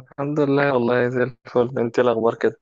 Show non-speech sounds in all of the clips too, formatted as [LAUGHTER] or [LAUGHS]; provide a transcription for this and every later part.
الحمد لله، والله زي الفل. انت إيه الاخبار كده؟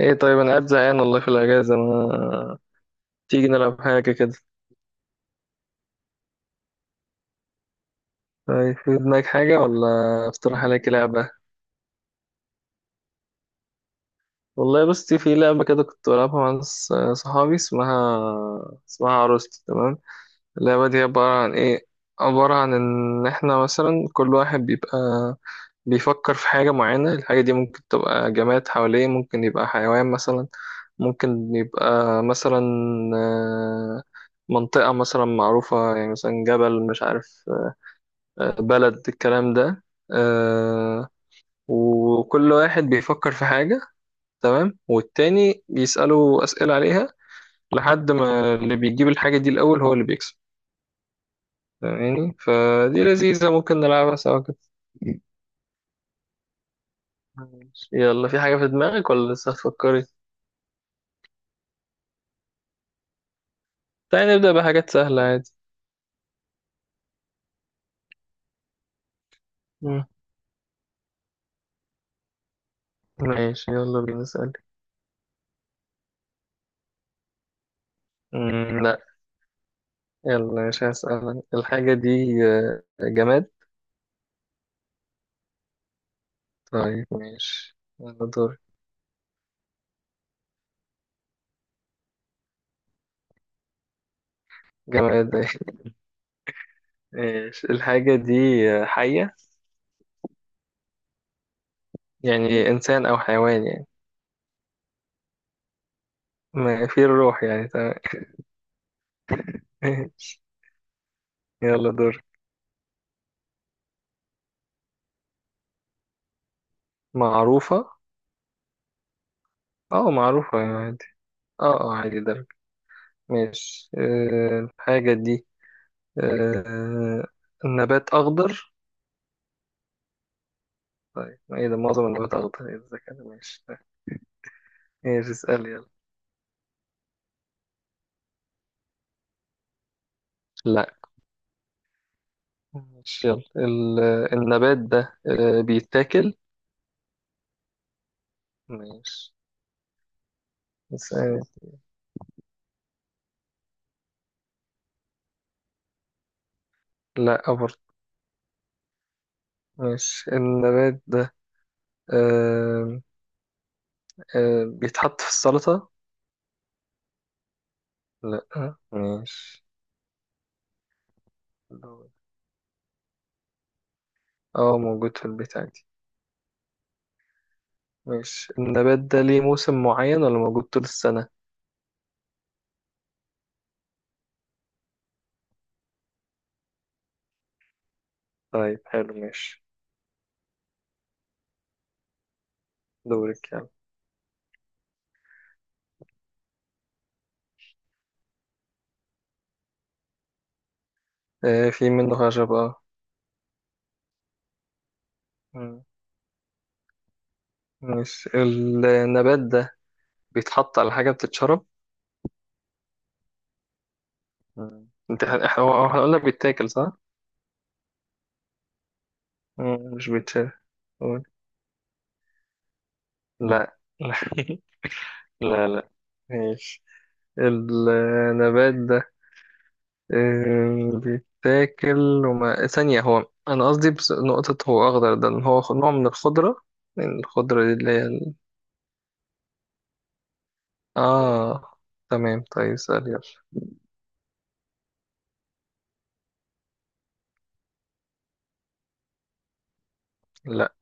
ايه طيب، انا قاعد زهقان والله في الاجازه. ما تيجي نلعب حاجه كده؟ طيب، في دماغك حاجه ولا اقترح عليك لعبه؟ والله بصي، في لعبه كده كنت بلعبها مع ناس صحابي، اسمها عروستي، تمام. اللعبه دي عباره عن ايه؟ عباره عن ان احنا مثلا كل واحد بيبقى بيفكر في حاجة معينة. الحاجة دي ممكن تبقى جماد حواليه، ممكن يبقى حيوان مثلا، ممكن يبقى مثلا آه، منطقة مثلا معروفة، يعني مثلا جبل مش عارف، بلد، الكلام ده. آه، وكل واحد بيفكر في حاجة، تمام، والتاني بيسأله أسئلة عليها لحد ما اللي بيجيب الحاجة دي الأول هو اللي بيكسب. يعني فدي لذيذة، ممكن نلعبها سوا كده. يلا، في حاجة في دماغك ولا لسه هتفكري؟ تعالى نبدأ بحاجات سهلة عادي. مم. ماشي يلا بينا نسأل. مم، لا. يلا مش هسأل الحاجة دي. جماد. طيب ماشي، يلا دور. جماد [LAUGHS] ماشي، الحاجة دي حية. يعني إنسان أو حيوان يعني. ما في الروح يعني، تمام. [LAUGHS] ماشي. يلا دور. معروفة. اه معروفة يعني عادي. اه اه عادي درجة. ماشي، الحاجة دي آه، نبات أخضر. طيب ما ايه ده، معظم النبات أخضر، ايه الذكاء ده كده. ماشي. ايش اسأل يلا. لا. مش يلا النبات ده بيتاكل. ماشي اسأل. لا برضه. مش النبات ده آه، بيتحط في السلطة. لا مش. دور. اه، موجود في البيت عادي. مش النبات ده ليه موسم معين ولا موجود طول السنة. طيب حلو، ماشي. دورك يلا. في منه خشب، اه. مم. مش النبات ده بيتحط على حاجة بتتشرب. مم. انت احنا هو احنا قلنا بيتاكل صح؟ مم، مش بيتشاف. قول. لا لا [LAUGHS] لا لا، ماشي. النبات ده بيتاكل، وما ثانية هو أنا قصدي بس نقطة، هو أخضر ده إن هو نوع من الخضرة، يعني الخضرة دي اللي هي آه، تمام. طيب اسأل يلا. لا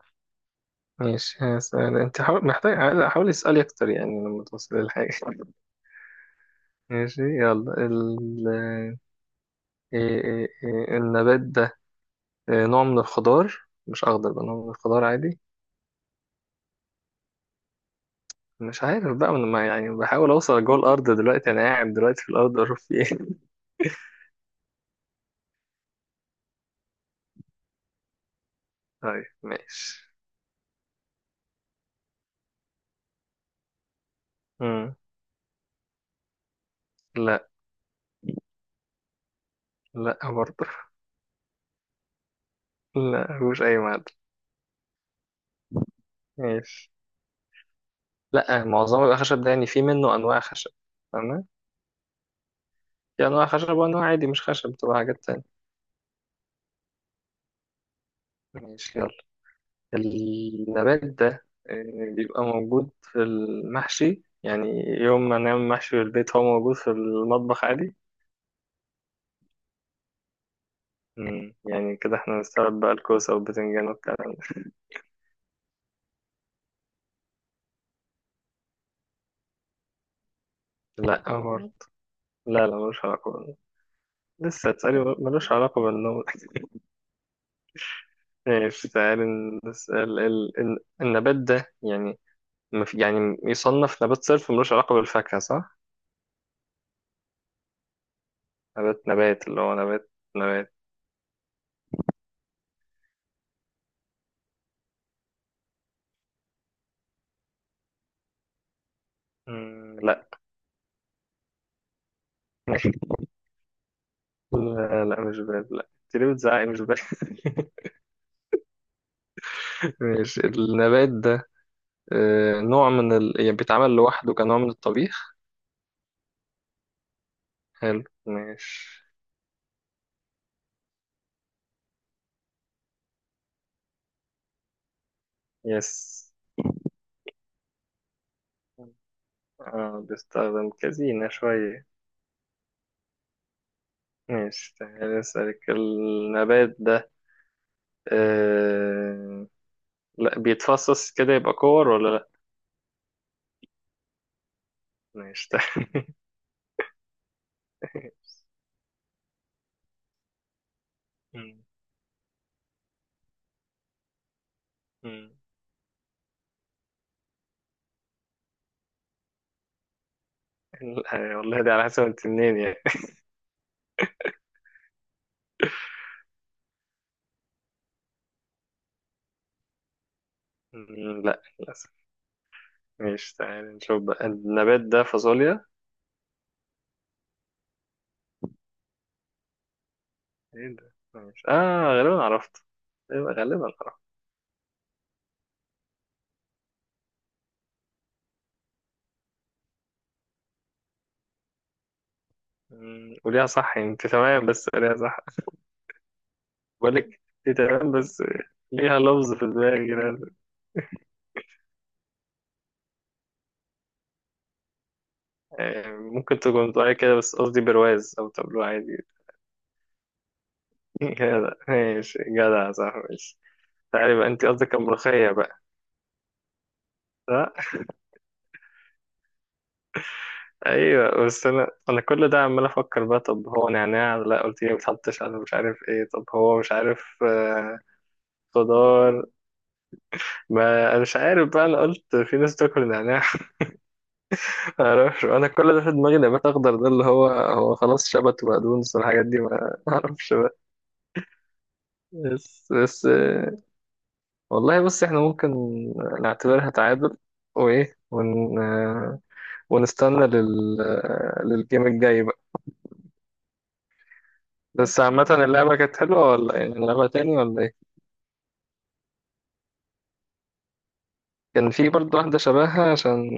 ماشي. هسأل أنت حاول، محتاج حاول اسألي أكتر يعني لما توصل للحاجة [LAUGHS] ماشي يلا ال... آه، إيه- إيه- إيه، النبات ده نوع من الخضار. مش اخضر بقى، نوع من الخضار عادي. مش عارف بقى، من ما يعني بحاول اوصل جوه الارض دلوقتي، انا قاعد دلوقتي في الارض اعرف في ايه. [LAUGHS] طيب ماشي. مم. لا لا برضه. [LAUGHS] لا مش اي معدن. ماشي. لا، معظم الخشب ده يعني في منه انواع خشب. تمام، في انواع خشب وانواع عادي مش خشب بتبقى حاجات تانية. ماشي يلا. النبات ده بيبقى موجود في المحشي، يعني يوم ما نعمل محشي في البيت هو موجود في المطبخ عادي. مم. يعني كده احنا نستوعب بقى الكوسة والبتنجان والكلام ده. لا برضه. لا لا، ملوش علاقة. لسه تسألي، ملوش علاقة بالنوم [LAUGHS] ماشي تعالي، نسأل النبات ده يعني يعني يصنف نبات صرف، ملوش علاقة بالفاكهة صح؟ نبات نبات، اللي هو نبات نبات. مم، لا. [LAUGHS] لا لا مش باب، لا تريد بتزعقي، مش باب. [LAUGHS] ماشي. النبات ده نوع من يعني بيتعمل لوحده كنوع من الطبيخ. حلو ماشي. يس. اه، بيستخدم كزينة شوية. ماشي، تعالى أسألك، النبات ده آه... لا بيتفصص كده يبقى كور ولا لا. ماشي تعالى. [LAUGHS] مم. مم. لا، والله دي على حسب انت منين يعني. [LAUGHS] مم، لا للأسف. ماشي، تعالى نشوف بقى، النبات ده فاصوليا. ايه ده ماشي، اه غالبا عرفت. غالبا غالبا عرفت. مم، وليها صح، انت تمام بس ليها صح. بقول لك، انت تمام بس ليها لفظ في دماغي كده. ممكن تكون طالع كده، بس قصدي برواز او طبلو عادي. [LAUGHS] جدع، ماشي جدع صح ماشي. تعالي بقى، انت قصدك الملوخية بقى. صح. ايوه، بس انا كل ده عمال افكر بقى، طب هو نعناع؟ لا قلت لي ما بتحطش على، مش عارف ايه، طب هو مش عارف خضار. ما انا مش عارف بقى، انا قلت في ناس تاكل نعناع. [LAUGHS] ما اعرفش، انا كل ده في دماغي نبات اخضر ده اللي هو، هو خلاص شبت وبقدونس والحاجات دي، ما اعرفش بقى. بس بس، والله بص، احنا ممكن نعتبرها تعادل، وايه ون... آه، ونستنى لل... آه، للجيم الجاي بقى. بس عامة اللعبة كانت حلوة ولا يعني نلعبها تاني ولا ايه؟ كان في برضه واحدة شبهها، عشان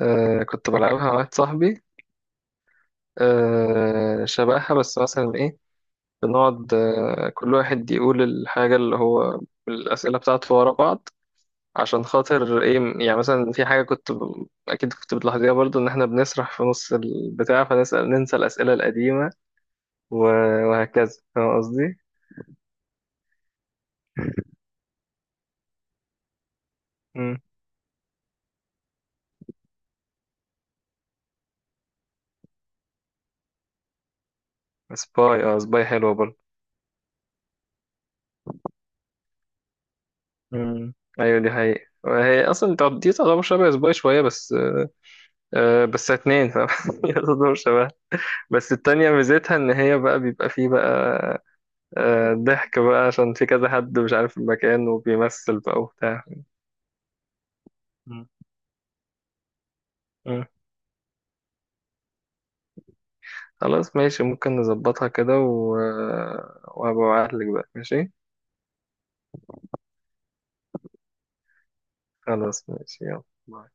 كنت بلعبها مع واحد صاحبي، شبهها، بس مثلا ايه، بنقعد كل واحد يقول الحاجة اللي هو الأسئلة بتاعته ورا بعض، عشان خاطر ايه، يعني مثلا في حاجة كنت اكيد كنت بتلاحظيها برضو، ان احنا بنسرح في نص البتاع، فنسأل ننسى الأسئلة القديمة، و... وهكذا، فاهم قصدي؟ مم. سباي، اه سباي حلوة برضو. مم. ايوه دي حقيقة، وهي اصلا دي تعتبر شبه سباي شوية، بس بس اتنين فاهم [LAUGHS] هي تعتبر شبه. بس التانية ميزتها ان هي بقى بيبقى فيه بقى ضحك بقى عشان في كذا حد مش عارف المكان وبيمثل بقى وبتاع. مم. خلاص ماشي، ممكن نظبطها كده وهبقى أبعتلك بقى، ماشي. خلاص ماشي يلا. باي.